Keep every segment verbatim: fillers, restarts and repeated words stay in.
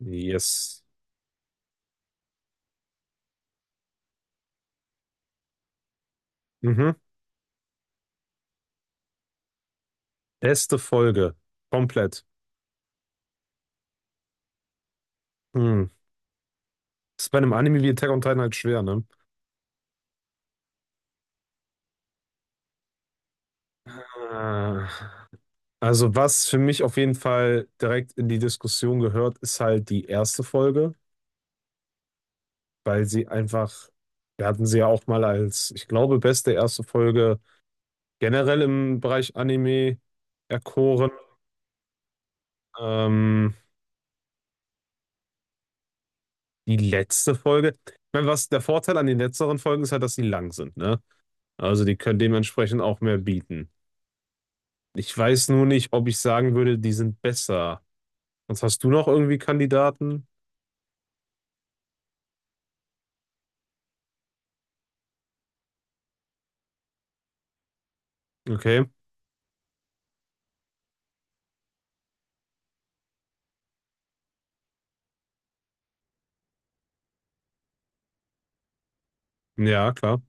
Yes. Mhm. Beste Folge. Komplett. Hm. Ist bei einem Anime wie Attack on Titan halt schwer, ne? Ah. Also, was für mich auf jeden Fall direkt in die Diskussion gehört, ist halt die erste Folge, weil sie einfach, wir hatten sie ja auch mal als, ich glaube, beste erste Folge generell im Bereich Anime erkoren. Ähm, Die letzte Folge. Ich meine, was der Vorteil an den letzteren Folgen ist, halt, dass sie lang sind, ne? Also, die können dementsprechend auch mehr bieten. Ich weiß nur nicht, ob ich sagen würde, die sind besser. Sonst hast du noch irgendwie Kandidaten? Okay, ja, klar.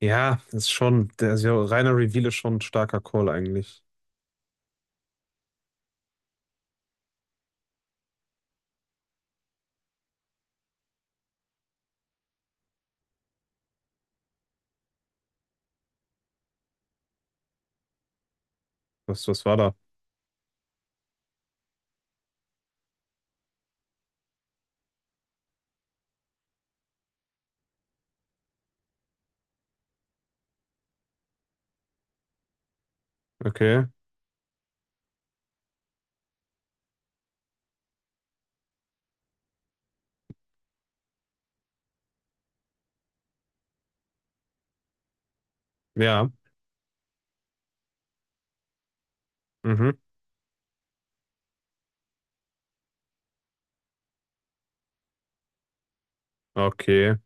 Ja, das ist schon, der ist ja, reiner Reveal ist schon ein starker Call eigentlich. Was, was war da? Okay, ja, mhm, okay.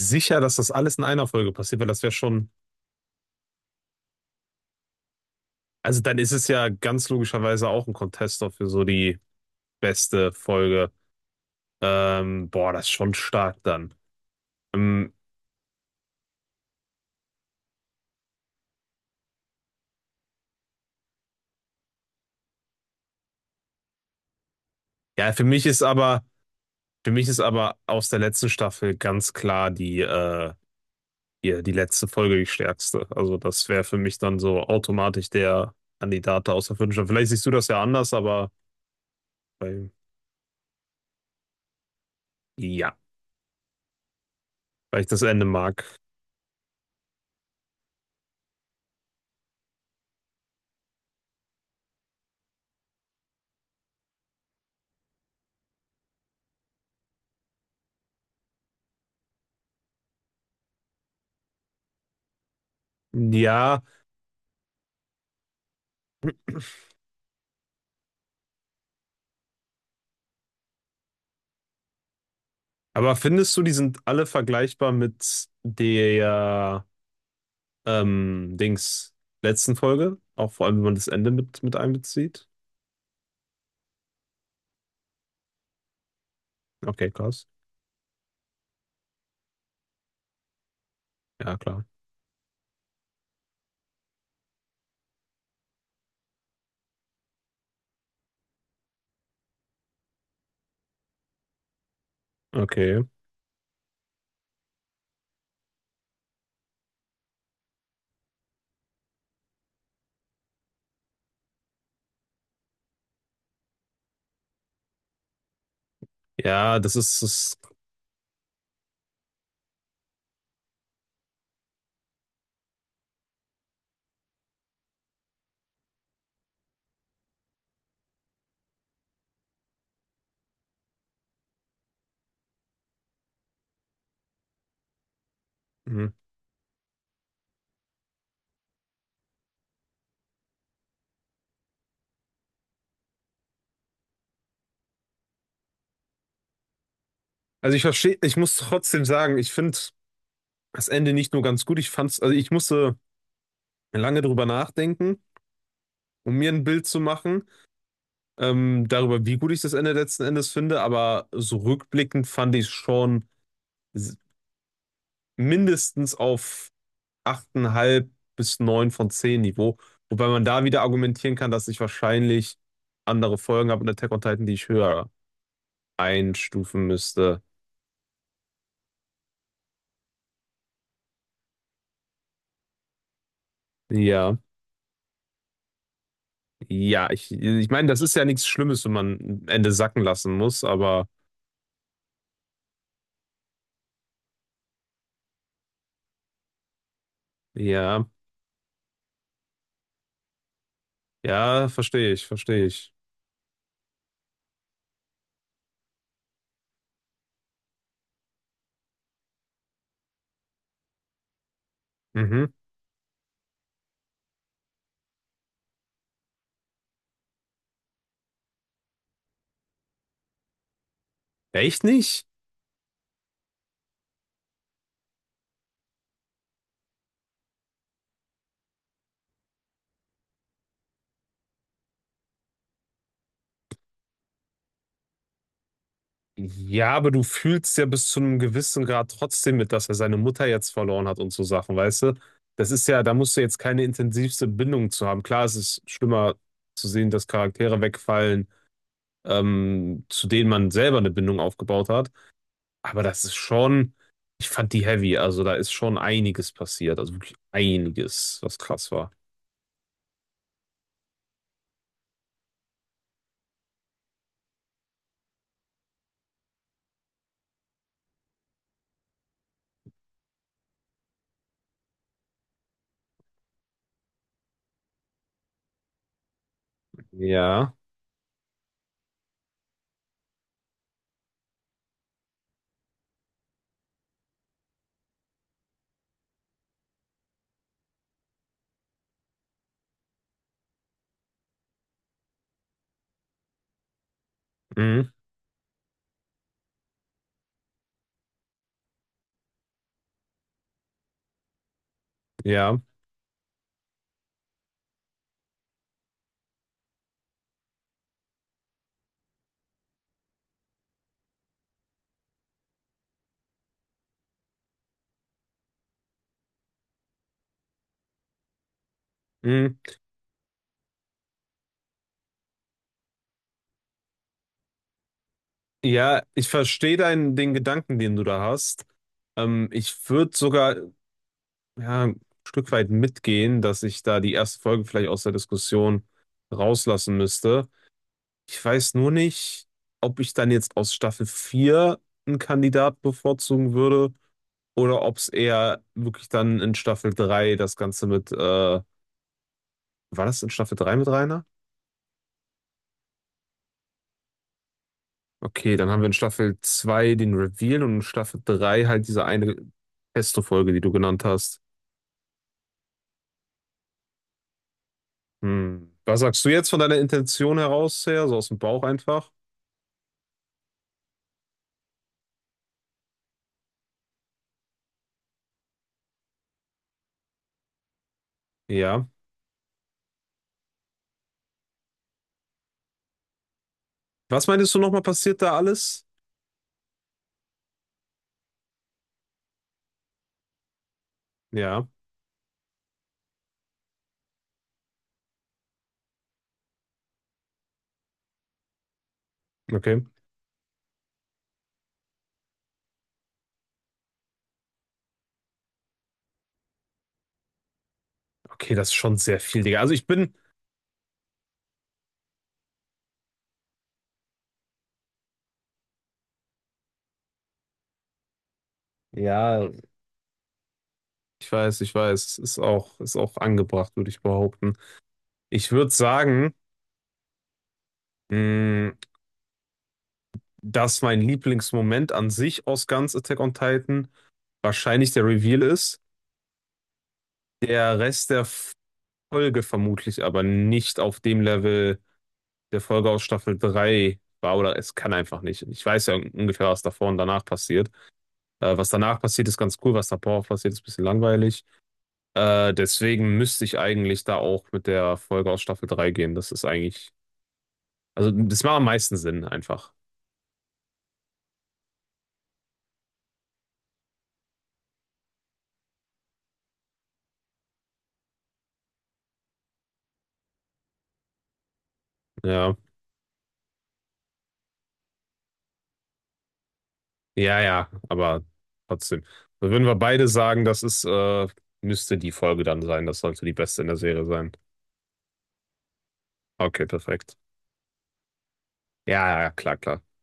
Sicher, dass das alles in einer Folge passiert, weil das wäre schon, also dann ist es ja ganz logischerweise auch ein Contester für so die beste Folge. Ähm, boah, das ist schon stark dann. Ähm, ja, für mich ist aber, Für mich ist aber aus der letzten Staffel ganz klar die, äh, hier, die letzte Folge die stärkste. Also das wäre für mich dann so automatisch der Kandidat da aus der fünften Staffel. Vielleicht siehst du das ja anders, aber weil, ja, weil ich das Ende mag. Ja, aber findest du, die sind alle vergleichbar mit der ähm, Dings letzten Folge? Auch vor allem, wenn man das Ende mit, mit einbezieht? Okay, krass. Ja, klar. Okay. Ja, das ist, das, hm. Also ich verstehe, ich muss trotzdem sagen, ich finde das Ende nicht nur ganz gut, ich fand's, also ich musste lange drüber nachdenken, um mir ein Bild zu machen, ähm, darüber, wie gut ich das Ende letzten Endes finde, aber so rückblickend fand ich es schon s- mindestens auf achteinhalb bis neun von zehn Niveau, wobei man da wieder argumentieren kann, dass ich wahrscheinlich andere Folgen habe in Attack on Titan, die ich höher einstufen müsste. Ja. Ja, ich, ich meine, das ist ja nichts Schlimmes, wenn man ein Ende sacken lassen muss, aber ja, ja, verstehe ich, verstehe ich. Mhm. Echt nicht? Ja, aber du fühlst ja bis zu einem gewissen Grad trotzdem mit, dass er seine Mutter jetzt verloren hat und so Sachen, weißt du? Das ist ja, da musst du jetzt keine intensivste Bindung zu haben. Klar, es ist schlimmer zu sehen, dass Charaktere wegfallen, ähm, zu denen man selber eine Bindung aufgebaut hat. Aber das ist schon, ich fand die heavy, also da ist schon einiges passiert, also wirklich einiges, was krass war. Ja, mhm, ja, mhm. Ja, ich verstehe deinen, den Gedanken, den du da hast. Ähm, ich würde sogar ja, ein Stück weit mitgehen, dass ich da die erste Folge vielleicht aus der Diskussion rauslassen müsste. Ich weiß nur nicht, ob ich dann jetzt aus Staffel vier einen Kandidat bevorzugen würde oder ob es eher wirklich dann in Staffel drei das Ganze mit, äh, war das in Staffel drei mit Rainer? Okay, dann haben wir in Staffel zwei den Reveal und in Staffel drei halt diese eine Pesto-Folge, die du genannt hast. Hm. Was sagst du jetzt von deiner Intention heraus her, so aus dem Bauch einfach? Ja. Was meintest du nochmal passiert da alles? Ja, okay. Okay, das ist schon sehr viel, Digga. Also ich bin. Ja. Ich weiß, ich weiß, ist auch, ist auch angebracht, würde ich behaupten. Ich würde sagen, mh, dass mein Lieblingsmoment an sich aus ganz Attack on Titan wahrscheinlich der Reveal ist. Der Rest der Folge vermutlich aber nicht auf dem Level der Folge aus Staffel drei war oder es kann einfach nicht. Ich weiß ja ungefähr, was davor und danach passiert. Äh, was danach passiert, ist ganz cool, was davor passiert, ist ein bisschen langweilig. Äh, deswegen müsste ich eigentlich da auch mit der Folge aus Staffel drei gehen. Das ist eigentlich Also das macht am meisten Sinn einfach. Ja, ja, ja, aber trotzdem. Also würden wir beide sagen, das ist, äh, müsste die Folge dann sein. Das sollte die beste in der Serie sein. Okay, perfekt. Ja, ja, ja, klar, klar.